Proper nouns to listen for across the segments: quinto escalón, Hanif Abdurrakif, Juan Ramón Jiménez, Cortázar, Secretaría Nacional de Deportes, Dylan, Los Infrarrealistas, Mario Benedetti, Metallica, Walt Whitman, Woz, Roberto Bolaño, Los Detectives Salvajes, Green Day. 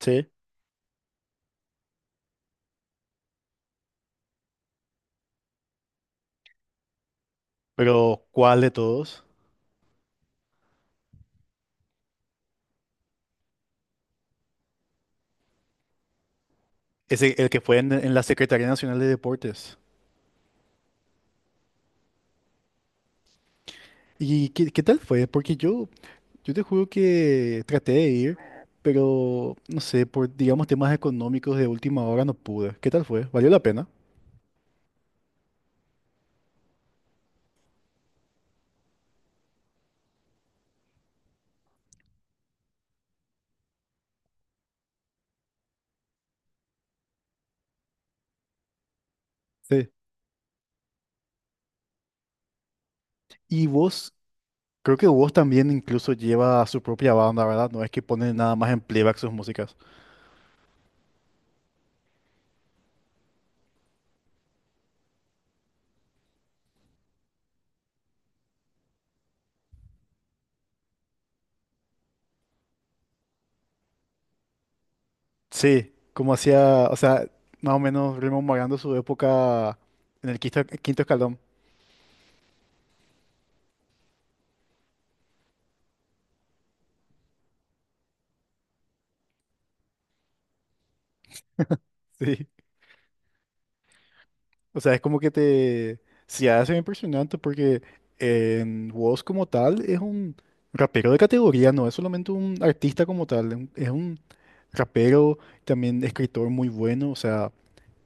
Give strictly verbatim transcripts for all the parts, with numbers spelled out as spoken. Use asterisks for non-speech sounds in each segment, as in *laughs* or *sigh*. Sí, pero ¿cuál de todos? Es el, el que fue en, en la Secretaría Nacional de Deportes. ¿Y qué, qué tal fue? Porque yo, yo te juro que traté de ir, pero no sé, por digamos temas económicos de última hora no pude. ¿Qué tal fue? ¿Valió la pena? Sí. Y vos, creo que vos también incluso lleva su propia banda, ¿verdad? No es que pone nada más en playback sus músicas. Sí, como hacía, o sea, más o menos rememorando su época en el quinto, quinto escalón. *laughs* Sí. O sea, es como que te... Se hace impresionante porque en Woz como tal es un rapero de categoría, no es solamente un artista como tal, es un, es un rapero, también escritor muy bueno, o sea,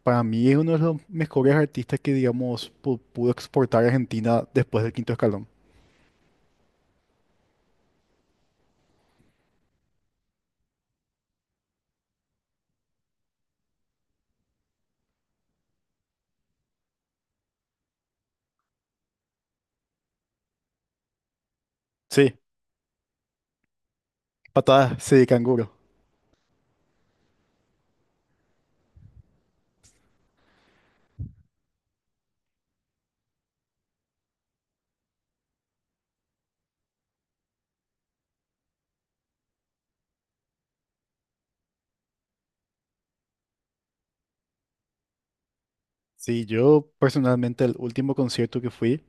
para mí es uno de los mejores artistas que, digamos, pu- pudo exportar a Argentina después del quinto escalón. Sí, patadas, sí, canguro. Sí, yo personalmente el último concierto que fui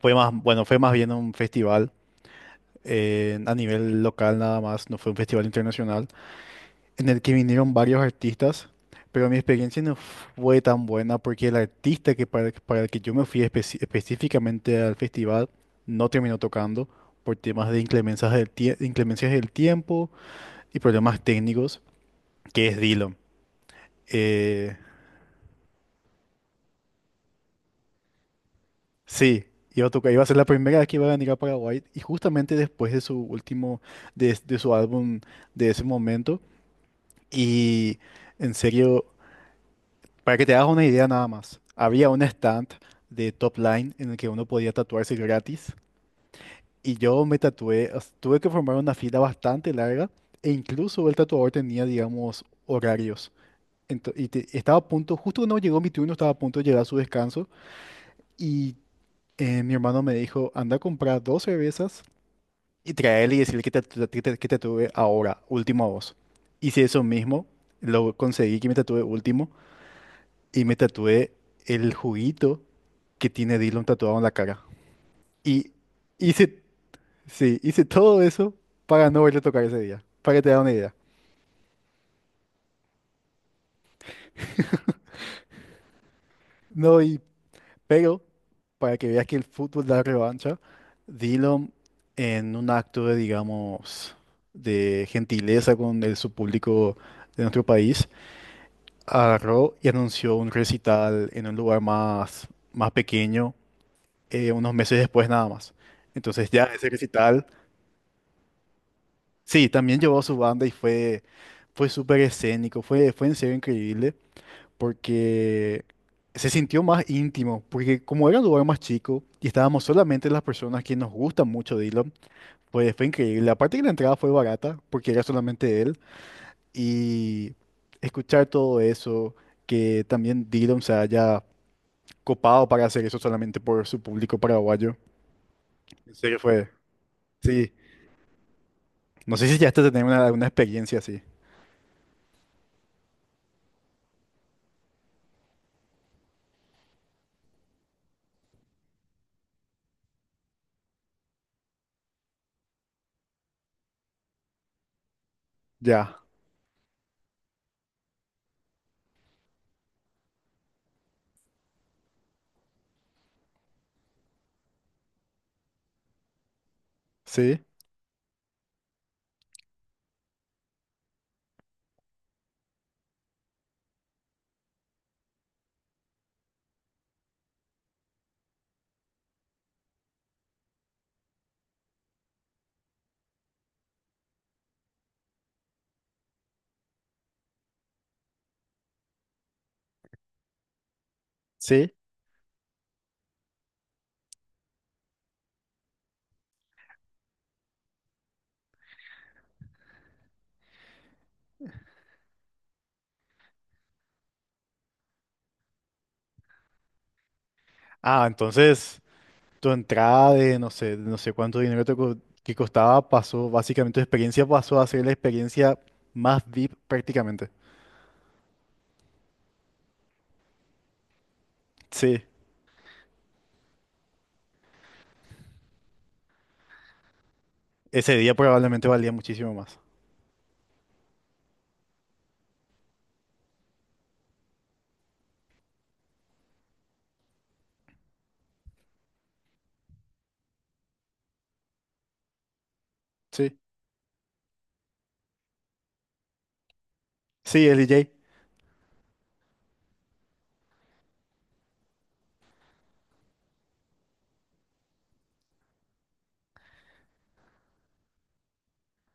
fue más, bueno, fue más bien un festival, eh, a nivel local nada más, no fue un festival internacional, en el que vinieron varios artistas, pero mi experiencia no fue tan buena porque el artista que para, para el que yo me fui especi- específicamente al festival no terminó tocando por temas de inclemencias del, tie- inclemencias del tiempo y problemas técnicos, que es Dylan. Eh, sí, iba a tocar, iba a ser la primera vez que iba a venir a Paraguay y justamente después de su último, de de su álbum de ese momento y en serio... Para que te hagas una idea nada más, había un stand de top line en el que uno podía tatuarse gratis y yo me tatué, o sea, tuve que formar una fila bastante larga e incluso el tatuador tenía, digamos, horarios. Ento- y te- estaba a punto, justo cuando llegó mi turno, estaba a punto de llegar a su descanso y, eh, mi hermano me dijo: anda a comprar dos cervezas y traerle y decirle que te, tatu- que te, que te tatúe ahora, último a vos. Hice eso mismo, lo conseguí que me tatué último y me tatué el juguito que tiene Dylan tatuado en la cara. Y hice, sí, hice todo eso para no verlo tocar ese día, para que te da una idea. No, y pero para que veas que el fútbol da revancha, Dylan, en un acto de, digamos, de gentileza con el, su público de nuestro país, agarró y anunció un recital en un lugar más, más pequeño, eh, unos meses después nada más. Entonces ya ese recital, sí, también llevó a su banda y fue, fue súper escénico, fue, fue en serio increíble, porque se sintió más íntimo, porque como era un lugar más chico y estábamos solamente las personas que nos gustan mucho Dylan, pues fue increíble. Aparte que la entrada fue barata, porque era solamente él, y escuchar todo eso, que también Dylan se haya copado para hacer eso solamente por su público paraguayo, en serio fue, sí. No sé si ya hasta tener una, una experiencia así. Ya, sí, sí. Ah, entonces tu entrada de no sé, no sé cuánto dinero te co- que costaba pasó, básicamente tu experiencia pasó a ser la experiencia más V I P prácticamente. Sí, ese día probablemente valía muchísimo más. Sí, sí, el D J.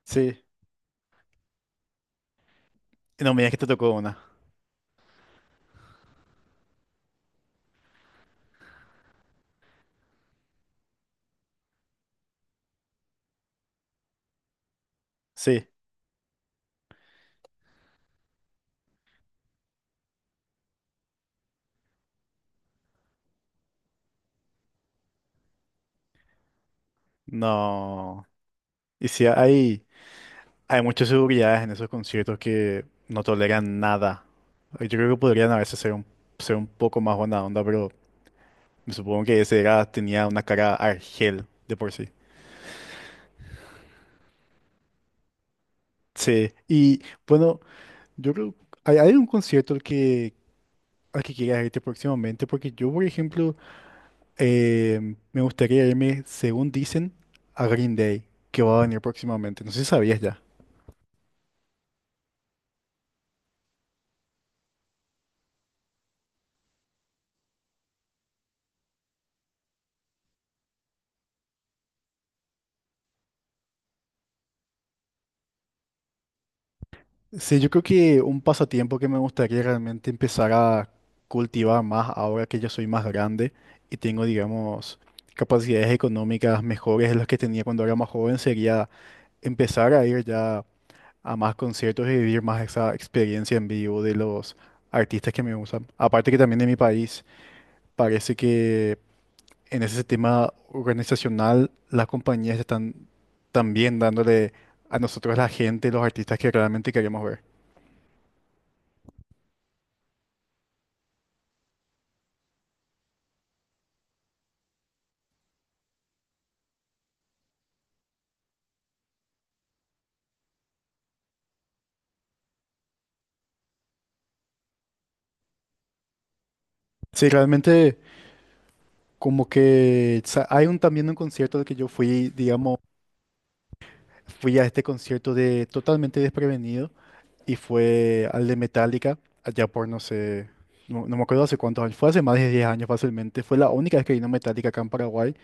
Sí, no me digas que te tocó una. Sí, no. Y sí, hay, hay muchas seguridades en esos conciertos que no toleran nada. Yo creo que podrían a veces ser un, ser un poco más buena onda, pero me supongo que ese era, tenía una cara argel de por sí. Sí, y bueno, yo creo, ¿hay, hay un concierto al que, al que quieras irte próximamente? Porque yo, por ejemplo, eh, me gustaría irme, según dicen, a Green Day, que va a venir próximamente. No sé si sabías ya. Sí, yo creo que un pasatiempo que me gustaría realmente empezar a cultivar más ahora que ya soy más grande y tengo, digamos, capacidades económicas mejores de las que tenía cuando era más joven sería empezar a ir ya a más conciertos y vivir más esa experiencia en vivo de los artistas que me gustan. Aparte que también en mi país parece que en ese tema organizacional las compañías están también dándole a nosotros, la gente, los artistas que realmente queremos ver. Sí, realmente como que sa- hay un, también un concierto al que yo fui, digamos, fui a este concierto de totalmente desprevenido y fue al de Metallica, allá por no sé, no, no me acuerdo hace cuántos años, fue hace más de diez años fácilmente, fue la única vez que vino Metallica acá en Paraguay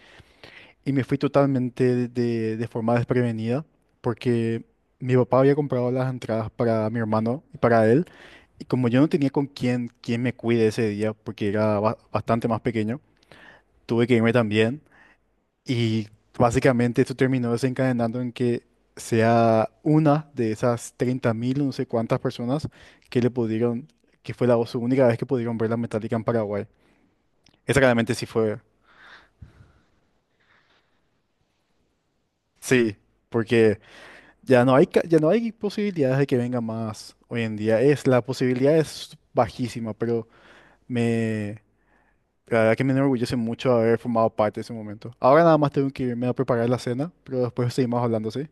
y me fui totalmente de, de forma desprevenida porque mi papá había comprado las entradas para mi hermano y para él, y como yo no tenía con quién, quién me cuide ese día porque era ba- bastante más pequeño, tuve que irme también. Y básicamente esto terminó desencadenando en que sea una de esas treinta mil no sé cuántas personas que le pudieron, que fue la su única vez que pudieron ver la Metallica en Paraguay. Esa realmente sí fue, sí, porque ya no hay, ca- ya no hay posibilidades de que venga más hoy en día. Es, la posibilidad es bajísima, pero me, la verdad que me enorgullece mucho haber formado parte de ese momento. Ahora nada más tengo que irme a preparar la cena, pero después seguimos hablando, ¿sí?